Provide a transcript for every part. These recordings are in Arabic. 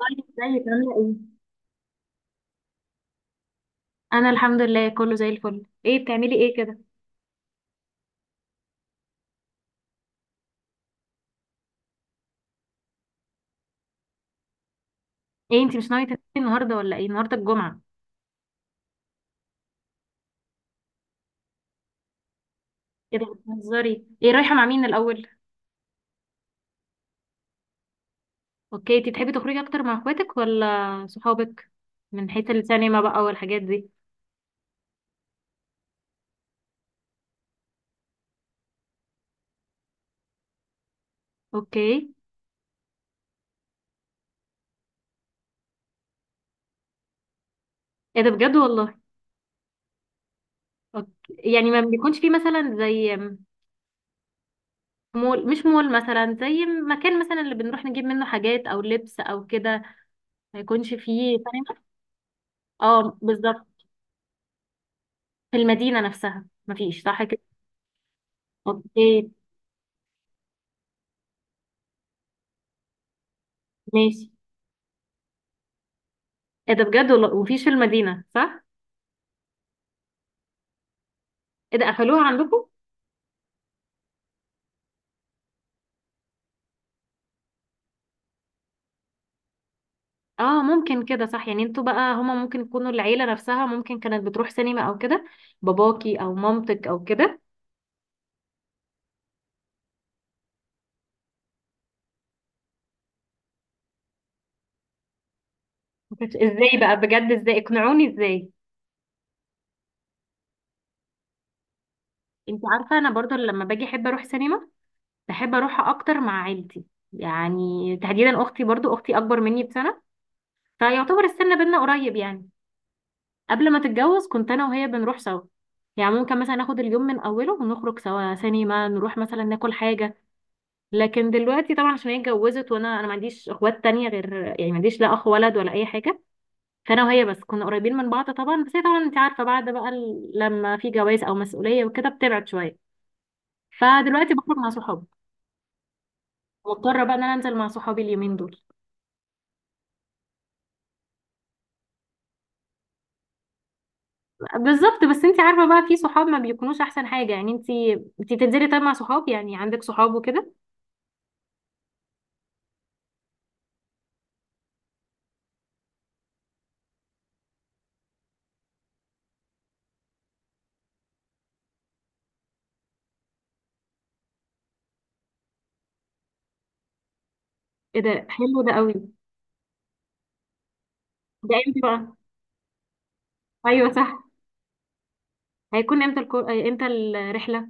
طيب، ازيك عاملة ايه؟ أنا الحمد لله كله زي الفل. ايه بتعملي ايه كده؟ ايه انتي مش ناوية تنزلي النهاردة ولا ايه؟ النهاردة الجمعة. ايه ده بتهزري؟ ايه، رايحة مع مين الأول؟ اوكي، انتي تحبي تخرجي أكتر مع اخواتك ولا صحابك؟ من حيث السينما بقى والحاجات دي. اوكي. ايه ده بجد والله. أوكي. يعني ما بيكونش فيه مثلا زي مول، مش مول مثلا زي مكان مثلا اللي بنروح نجيب منه حاجات أو لبس أو كده، ما يكونش فيه سينما. اه بالظبط. في المدينة نفسها مفيش صح كده. اوكي ماشي. ايه ده بجد والله، وفي في المدينة صح؟ ايه ده قفلوها عندكم؟ اه ممكن كده صح. يعني انتوا بقى هما ممكن يكونوا العيلة نفسها ممكن كانت بتروح سينما او كده، باباكي او مامتك او كده. ما كانتش- ازاي بقى بجد، ازاي اقنعوني ازاي. انت عارفة انا برضو لما باجي احب اروح سينما. بحب اروحها اكتر مع عيلتي، يعني تحديدا اختي. برضو اختي اكبر مني بسنة، فيعتبر السن بينا قريب يعني. قبل ما تتجوز كنت انا وهي بنروح سوا، يعني ممكن مثلا ناخد اليوم من اوله ونخرج سوا سينما، نروح مثلا ناكل حاجة. لكن دلوقتي طبعا عشان هي اتجوزت، وانا ما عنديش اخوات تانية غير، يعني ما عنديش لا اخ ولد ولا اي حاجه. فانا وهي بس كنا قريبين من بعض طبعا، بس هي طبعا انت عارفه بعد بقى لما في جواز او مسؤوليه وكده بتبعد شويه. فدلوقتي بخرج مع صحابي، مضطره بقى ان انا انزل مع صحابي اليومين دول. بالظبط، بس انت عارفه بقى في صحاب ما بيكونوش احسن حاجه. يعني انت بتنزلي طيب مع صحاب، يعني عندك صحاب وكده؟ ايه ده حلو ده قوي. ده امتى بقى؟ ايوه صح، هيكون امتى امتى الرحله؟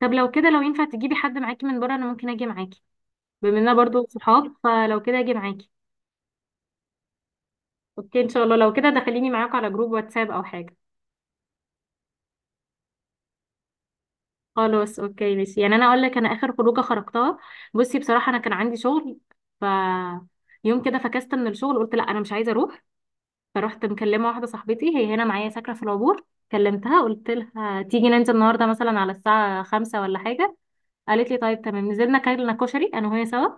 طب لو كده لو ينفع تجيبي حد معاكي من بره انا ممكن اجي معاكي، بما اننا برضو صحاب فلو كده اجي معاكي. اوكي، ان شاء الله لو كده دخليني معاك على جروب واتساب او حاجه. خلاص اوكي ماشي. يعني انا اقول لك انا اخر خروجه خرجتها، بصي بصراحه انا كان عندي شغل، ف يوم كده فكست من الشغل، قلت لا انا مش عايزه اروح. فروحت مكلمه واحده صاحبتي، هي هنا معايا ساكنه في العبور. كلمتها قلت لها تيجي ننزل النهارده مثلا على الساعه 5 ولا حاجه. قالت لي طيب تمام. نزلنا كلنا كشري انا وهي سوا.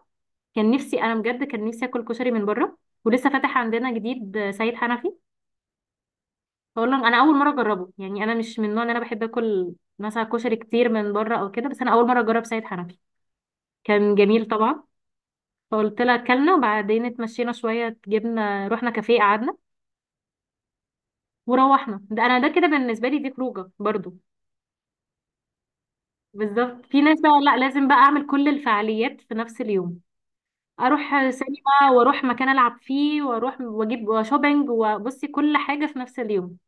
كان نفسي انا بجد، كان نفسي اكل كشري من بره. ولسه فاتح عندنا جديد سيد حنفي، بقول لهم انا اول مره اجربه. يعني انا مش من النوع ان انا بحب اكل مثلا كشري كتير من بره او كده، بس انا اول مره اجرب سيد حنفي. كان جميل طبعا. فقلت لها اكلنا، وبعدين اتمشينا شويه، جبنا رحنا كافيه قعدنا وروحنا. ده انا ده كده بالنسبه لي دي خروجه برضو. بالظبط. في ناس بقى لا لازم بقى اعمل كل الفعاليات في نفس اليوم، اروح سينما واروح مكان العب فيه واروح واجيب شوبينج، وبصي كل حاجه في نفس اليوم.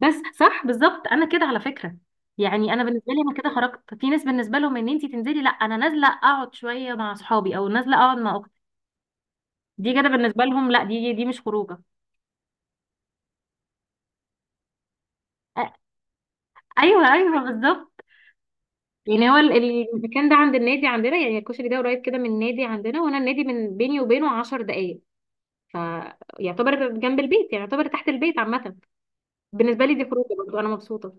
بس صح بالظبط. انا كده على فكره، يعني انا بالنسبه لي انا كده خرجت. في ناس بالنسبه لهم ان انت تنزلي لا، انا نازله اقعد شويه مع اصحابي او نازله اقعد مع اختي، دي كده بالنسبه لهم لا، دي مش خروجه. أ- ايوه ايوه بالظبط. يعني هو المكان ده عند النادي عندنا، يعني الكشري ده قريب كده من النادي عندنا، وانا النادي من بيني وبينه 10 دقائق، فيعتبر جنب البيت، يعني يعتبر تحت البيت عامه. بالنسبه لي دي خروجه برضه، انا مبسوطه.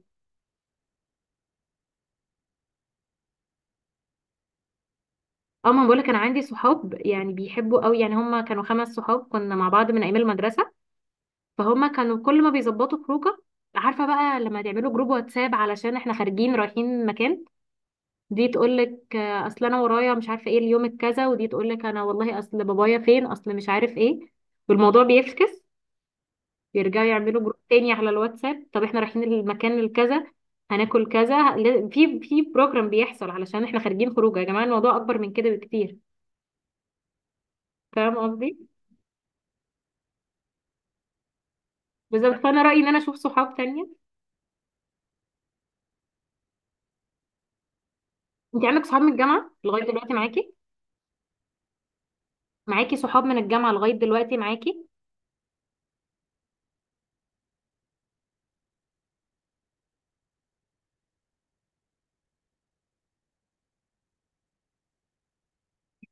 اه ما بقولك، انا عندي صحاب يعني بيحبوا قوي، يعني هم كانوا خمس صحاب كنا مع بعض من ايام المدرسه. فهما كانوا كل ما بيظبطوا خروجه، عارفه بقى لما تعملوا جروب واتساب علشان احنا خارجين رايحين مكان، دي تقول لك اصل انا ورايا مش عارفه ايه اليوم الكذا، ودي تقول لك انا والله اصل بابايا فين اصل مش عارف ايه، والموضوع بيفكس. بيرجعوا يعملوا جروب تاني على الواتساب، طب احنا رايحين المكان الكذا هناكل كذا في بروجرام بيحصل علشان احنا خارجين خروجه. يا جماعه الموضوع اكبر من كده بكتير، فاهم قصدي؟ بالظبط، فانا رايي ان انا اشوف صحاب تانية. انت عندك صحاب من الجامعه لغايه دلوقتي معاكي؟ معاكي صحاب من الجامعة لغاية دلوقتي معاكي.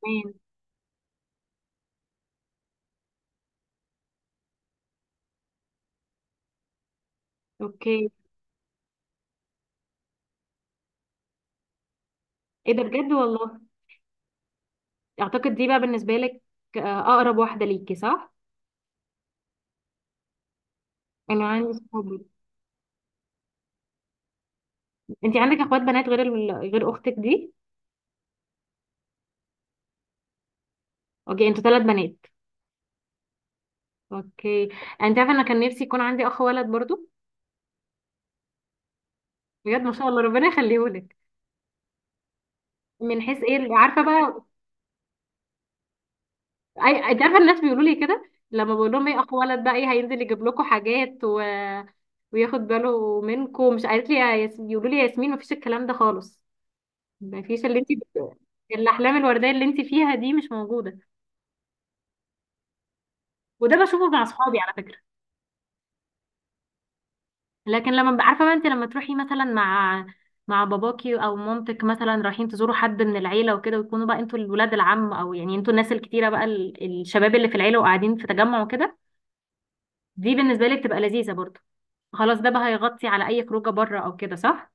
تمام. اوكي. ايه ده بجد والله. اعتقد دي بقى بالنسبة لك اقرب واحدة ليكي صح. انا عندي صحاب. انت عندك اخوات بنات غير اختك دي؟ اوكي، انتوا ثلاث بنات. اوكي، انت عارفة انا كان نفسي يكون عندي اخ ولد برضو. بجد ما شاء الله ربنا يخليهولك. من حيث ايه عارفة بقى؟ اي، انت عارفة الناس بيقولوا لي كده، لما بقول لهم ايه اخ ولد بقى، ايه هينزل يجيب لكم حاجات و... وياخد باله منكم، مش قالت لي يقولوا لي يا ياسمين مفيش الكلام ده خالص، مفيش اللي انت بت... الاحلام الورديه اللي انت فيها دي مش موجوده. وده بشوفه مع اصحابي على فكره. لكن عارفه بقى انت لما تروحي مثلا مع باباكي او مامتك مثلا رايحين تزوروا حد من العيله وكده، ويكونوا بقى انتوا الولاد العم، او يعني انتوا الناس الكتيره بقى الشباب اللي في العيله وقاعدين في تجمع وكده، دي بالنسبه لي بتبقى لذيذه برضه. خلاص ده بقى هيغطي على اي خروجه بره او كده صح.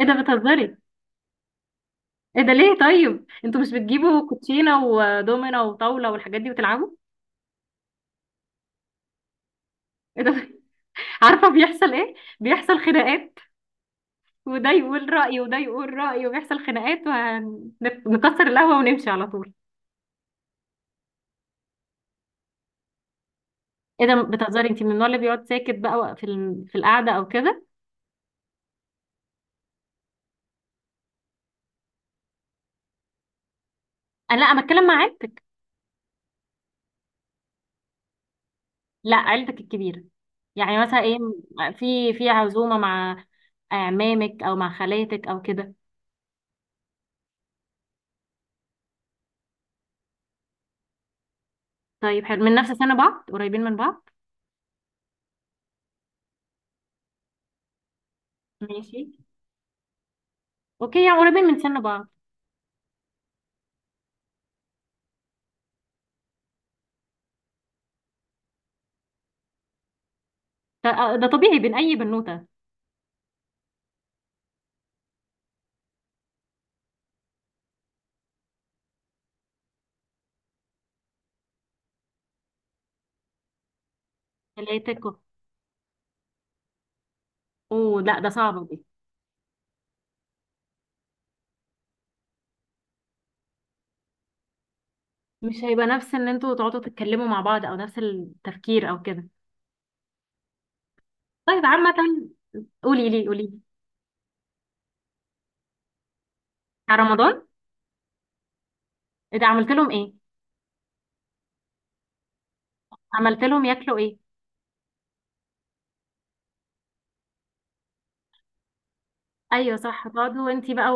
ايه ده بتهزري. ايه ده ليه؟ طيب انتوا مش بتجيبوا كوتشينه ودومينه وطاوله والحاجات دي وتلعبوا؟ ايه ده. عارفة بيحصل ايه؟ بيحصل خناقات، وده يقول رأيه وده يقول رأيه وبيحصل خناقات، ونكسر القهوة ونمشي على طول. ايه ده بتهزري. انت من النوع اللي بيقعد ساكت بقى في في القعدة او كده؟ انا لا، انا بتكلم مع عيلتك. لا عيلتك الكبيرة، يعني مثلا ايه، في عزومة مع اعمامك او مع خالاتك او كده؟ طيب حلو، من نفس سن بعض قريبين من بعض. ماشي. اوكي يعني قريبين من سن بعض. ده طبيعي بين اي بنوتة. خالاتك و- اوه لا ده صعب. مش هيبقى نفس ان انتوا تقعدوا تتكلموا مع بعض او نفس التفكير او كده. طيب عامة، قولي لي قولي لي. بتاع رمضان. إيه ده عملت لهم ايه؟ عملت لهم ياكلوا ايه؟ ايوه صح تقعدوا انتي بقى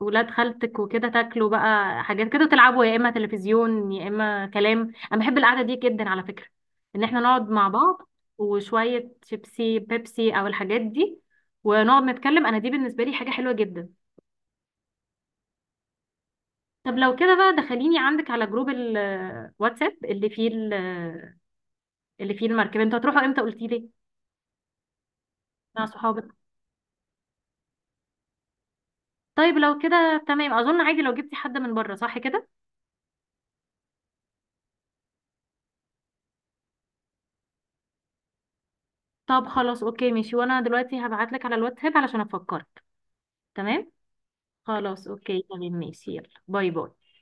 وولاد خالتك وكده تاكلوا بقى حاجات كده، تلعبوا يا اما تلفزيون يا اما كلام. انا بحب القعدة دي جدا على فكرة، ان احنا نقعد مع بعض وشوية شيبسي بيبسي او الحاجات دي ونقعد نتكلم. انا دي بالنسبة لي حاجة حلوة جدا. طب لو كده بقى دخليني عندك على جروب الواتساب اللي فيه اللي فيه المركبة. انتوا هتروحوا امتى قلتي لي؟ مع صحابك. طيب لو كده تمام، اظن عادي لو جبتي حد من بره صح كده. طب خلاص اوكي ماشي، وانا دلوقتي هبعت لك على الواتساب علشان افكرك. تمام. خلاص اوكي تمام ماشي، يلا باي باي.